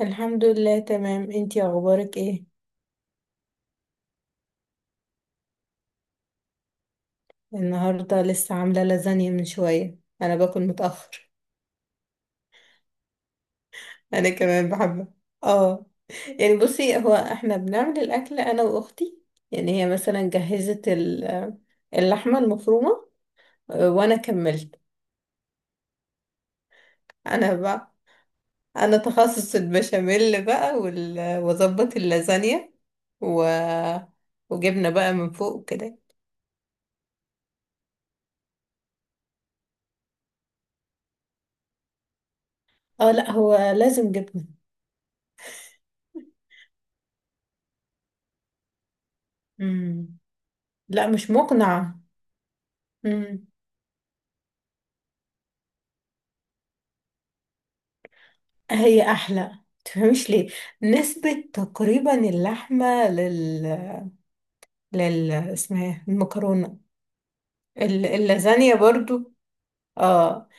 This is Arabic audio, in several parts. الحمد لله تمام، انتي اخبارك ايه؟ النهارده لسه عامله لازانيا من شويه، انا باكل متاخر. انا كمان بحبها. اه. يعني بصي، هو احنا بنعمل الاكل انا واختي. يعني هي مثلا جهزت اللحمه المفرومه. وانا كملت. انا بقى، انا تخصص البشاميل بقى واظبط اللازانيا و... وجبنه بقى من فوق كده. اه لا، هو لازم جبنه. مم. لا مش مقنعه. هي احلى، تفهمش ليه. نسبة تقريبا اللحمة لل اسمها إيه؟ المكرونة. اللازانيا برضو. اه.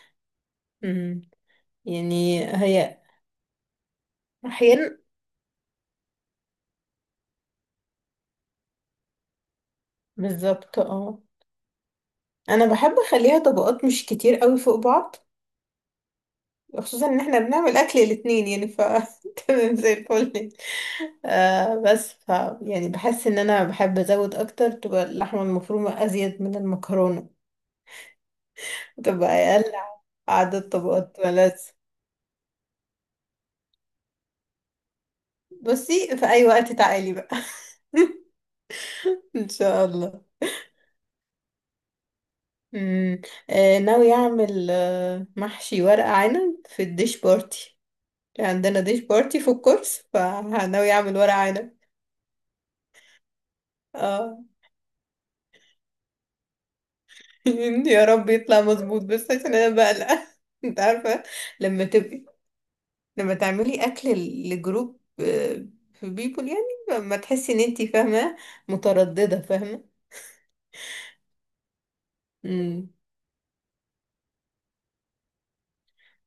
أمم. يعني هي احيانا. بالظبط اه، انا بحب اخليها طبقات مش كتير قوي فوق بعض. خصوصا ان احنا بنعمل اكل الاتنين، يعني تمام زي الفل. بس يعني بحس ان انا بحب ازود اكتر، تبقى اللحمة المفرومة ازيد من المكرونة، تبقى اقل عدد طبقات ملاذ. بصي في اي وقت تعالي بقى. ان شاء الله. امم ناوي اعمل محشي ورق عنب في الديش بارتي. عندنا ديش بارتي في الكورس، فناوي اعمل ورق عنب. اه. يا رب يطلع مظبوط، بس عشان انا بقلق. انت عارفه، لما تبقي لما تعملي اكل لجروب، في بيبول، يعني ما تحسي ان انتي فاهمه، متردده. فاهمه.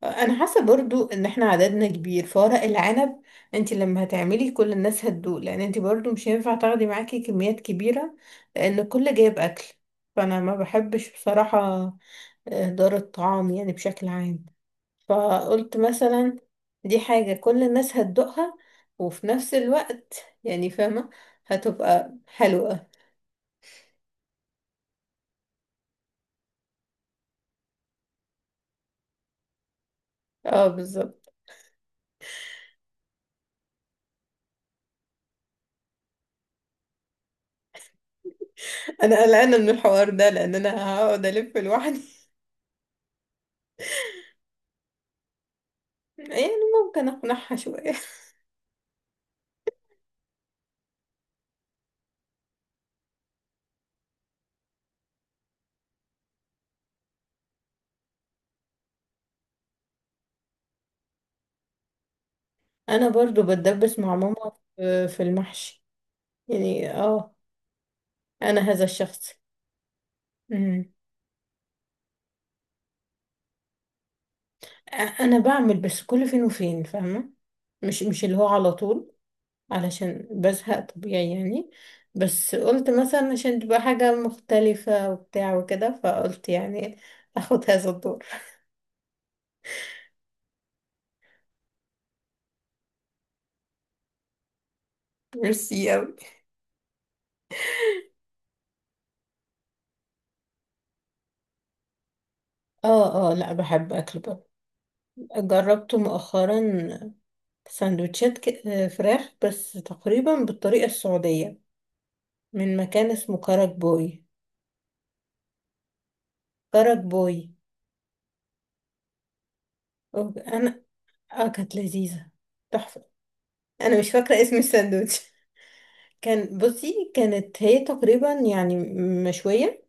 انا حاسه برضو ان احنا عددنا كبير فورق العنب، انت لما هتعملي كل الناس هتدوق، لان انت برضو مش هينفع تاخدي معاكي كميات كبيره، لان الكل جايب اكل. فانا ما بحبش بصراحه اهدار الطعام، يعني بشكل عام. فقلت مثلا دي حاجه كل الناس هتدوقها، وفي نفس الوقت يعني فاهمه هتبقى حلوه. اه بالظبط. انا قلقانه من الحوار ده، لان انا هقعد الف لوحدي. يعني ممكن اقنعها شويه. انا برضو بتدبس مع ماما في المحشي، يعني اه. انا هذا الشخص. مم. انا بعمل بس كل فين وفين فاهمه، مش اللي هو على طول، علشان بزهق طبيعي يعني. بس قلت مثلا عشان تبقى حاجه مختلفه وبتاع وكده، فقلت يعني اخد هذا الدور. ميرسي أوي. اه اه لا، بحب اكل بره. جربت مؤخرا سندوتشات فراخ بس تقريبا بالطريقه السعوديه، من مكان اسمه كرك بوي. كرك بوي. انا اه كانت لذيذة، تحفة. انا مش فاكرة اسم الساندوتش. بصي كانت هي تقريبا يعني مشوية،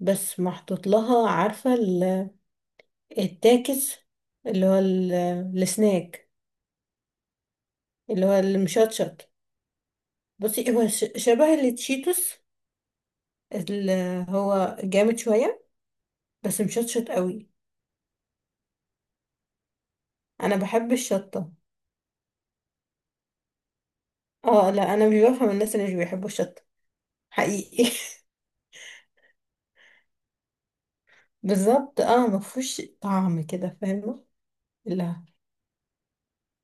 بس محطوط لها، عارفة التاكس، اللي هو ال- السناك اللي هو المشطشط. بصي هو شبه التشيتوس اللي هو جامد شوية بس مشطشط قوي. انا بحب الشطة. اه لا، انا مش بفهم الناس اللي مش بيحبوا الشطة، حقيقي. بالظبط اه، مفهوش طعم كده، فاهمة. لا،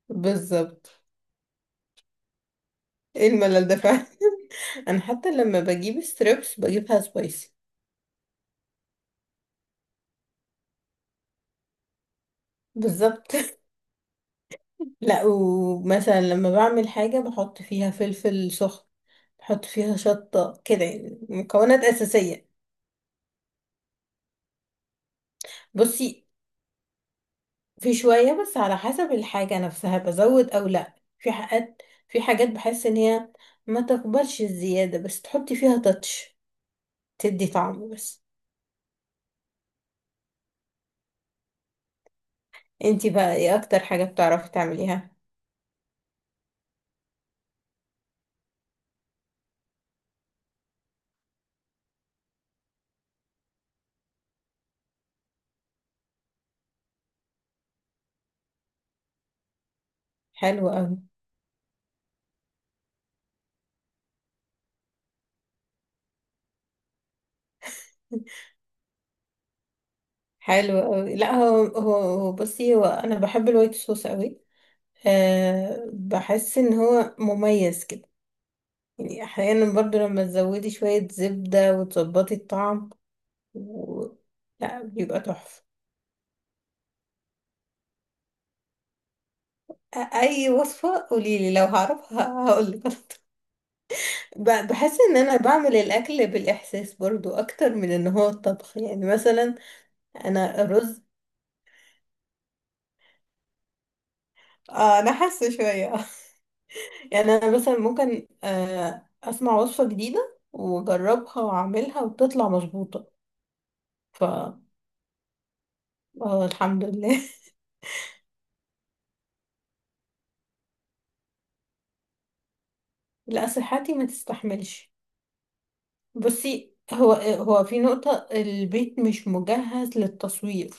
بالظبط. ايه الملل ده فعلا. انا حتى لما بجيب ستريبس بجيبها سبايسي. بالظبط. لا، ومثلا لما بعمل حاجة بحط فيها فلفل سخن، بحط فيها شطة كده، يعني مكونات أساسية. بصي، في شوية بس على حسب الحاجة نفسها بزود أو لا. في حاجات، في حاجات بحس إن هي ما تقبلش الزيادة، بس تحطي فيها تاتش تدي طعم بس. انتي بقى ايه اكتر حاجة بتعرفي تعمليها؟ حلو قوي. حلو قوي. لا هو بصي، هو انا بحب الوايت صوص قوي. بحس ان هو مميز كده، يعني احيانا برضو لما تزودي شوية زبدة وتظبطي الطعم، و... لا بيبقى تحفة. اي وصفة قوليلي لو هعرفها هقولك. بحس ان انا بعمل الاكل بالاحساس برضو اكتر من ان هو الطبخ، يعني مثلا انا رز اه انا حاسه شويه، يعني انا مثلا ممكن اسمع وصفة جديدة واجربها واعملها وتطلع مظبوطة. ف الحمد لله. لا صحتي ما تستحملش. بصي، هو في نقطة البيت مش مجهز للتصوير،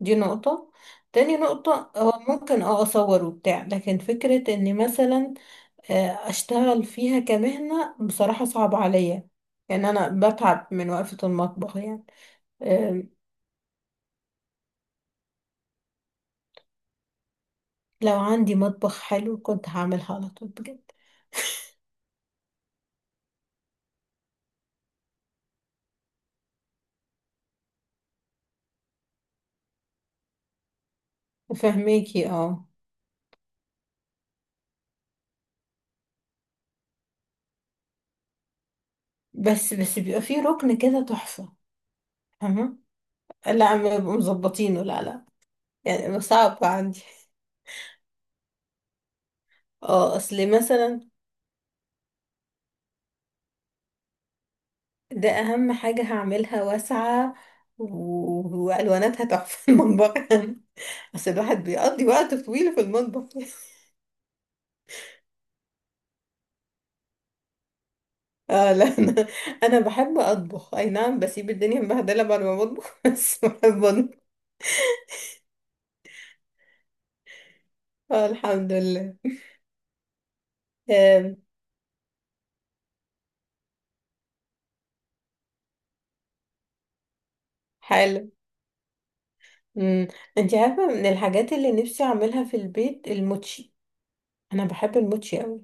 دي نقطة. تاني نقطة، هو ممكن اصور وبتاع، لكن فكرة اني مثلا اشتغل فيها كمهنة بصراحة صعب عليا، يعني انا بتعب من وقفة المطبخ يعني. آه، لو عندي مطبخ حلو كنت هعملها على طول بجد. فهماكي اه. بس بيبقى فيه ركن كده تحفة، فاهمة. لا ما بيبقوا مظبطينه، لا لا. يعني صعب عندي. اه، اصل مثلا ده اهم حاجة هعملها واسعة، والواناتها تحفة في المطبخ. اصل الواحد بيقضي وقت طويل في المطبخ. اه لا، انا بحب اطبخ اي نعم، بسيب الدنيا مبهدلة بعد ما بطبخ بس بحب اطبخ. آه الحمد لله. آم، حلو. امم. انت عارفه، من الحاجات اللي نفسي اعملها في البيت الموتشي، انا بحب الموتشي قوي.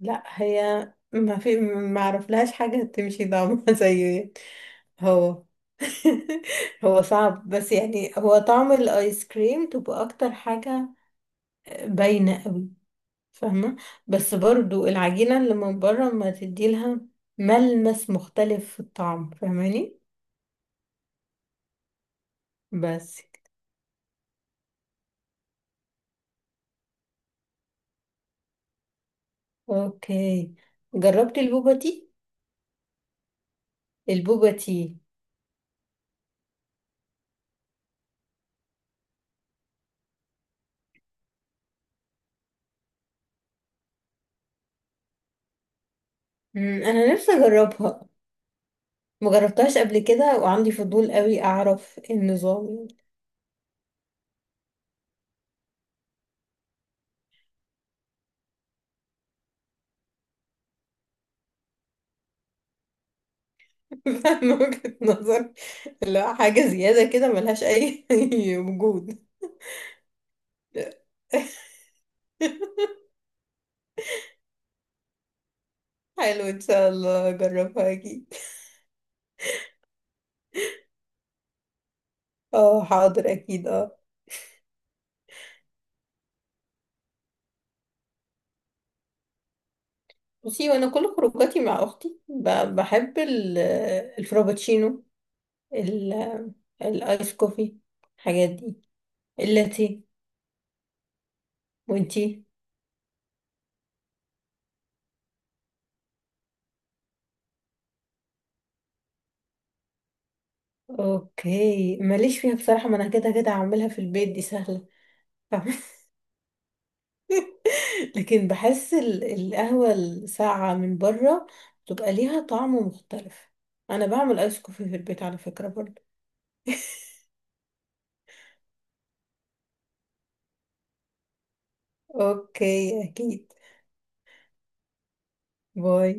لا هي ما في ما اعرف لهاش حاجه تمشي طعمها زيه. هو هو صعب، بس يعني هو طعم الايس كريم تبقى اكتر حاجه. باينه قوي، فاهمه. بس برضو العجينه اللي من بره ما تدي لها ملمس مختلف في الطعم، فاهماني. بس. اوكي. جربتي البوبا تي؟ البوبا تي. انا نفسي اجربها، مجربتهاش قبل كده، وعندي فضول قوي اعرف إيه النظام. فاهمة وجهة نظر. لا حاجة زيادة كده ملهاش اي وجود. حلو، ان شاء الله اجربها اكيد. اه، حاضر اكيد اه. بصي، وانا كل خروجاتي مع اختي، بحب الفرابتشينو، ال- الايس كوفي، الحاجات دي، اللاتيه. وانتي؟ اوكي ماليش فيها بصراحة، ما انا كده كده هعملها في البيت، دي سهلة، فاهمة؟ لكن بحس القهوة الساقعة من بره بتبقى ليها طعم مختلف. انا بعمل ايس كوفي في البيت على فكرة برضه. اوكي اكيد، باي.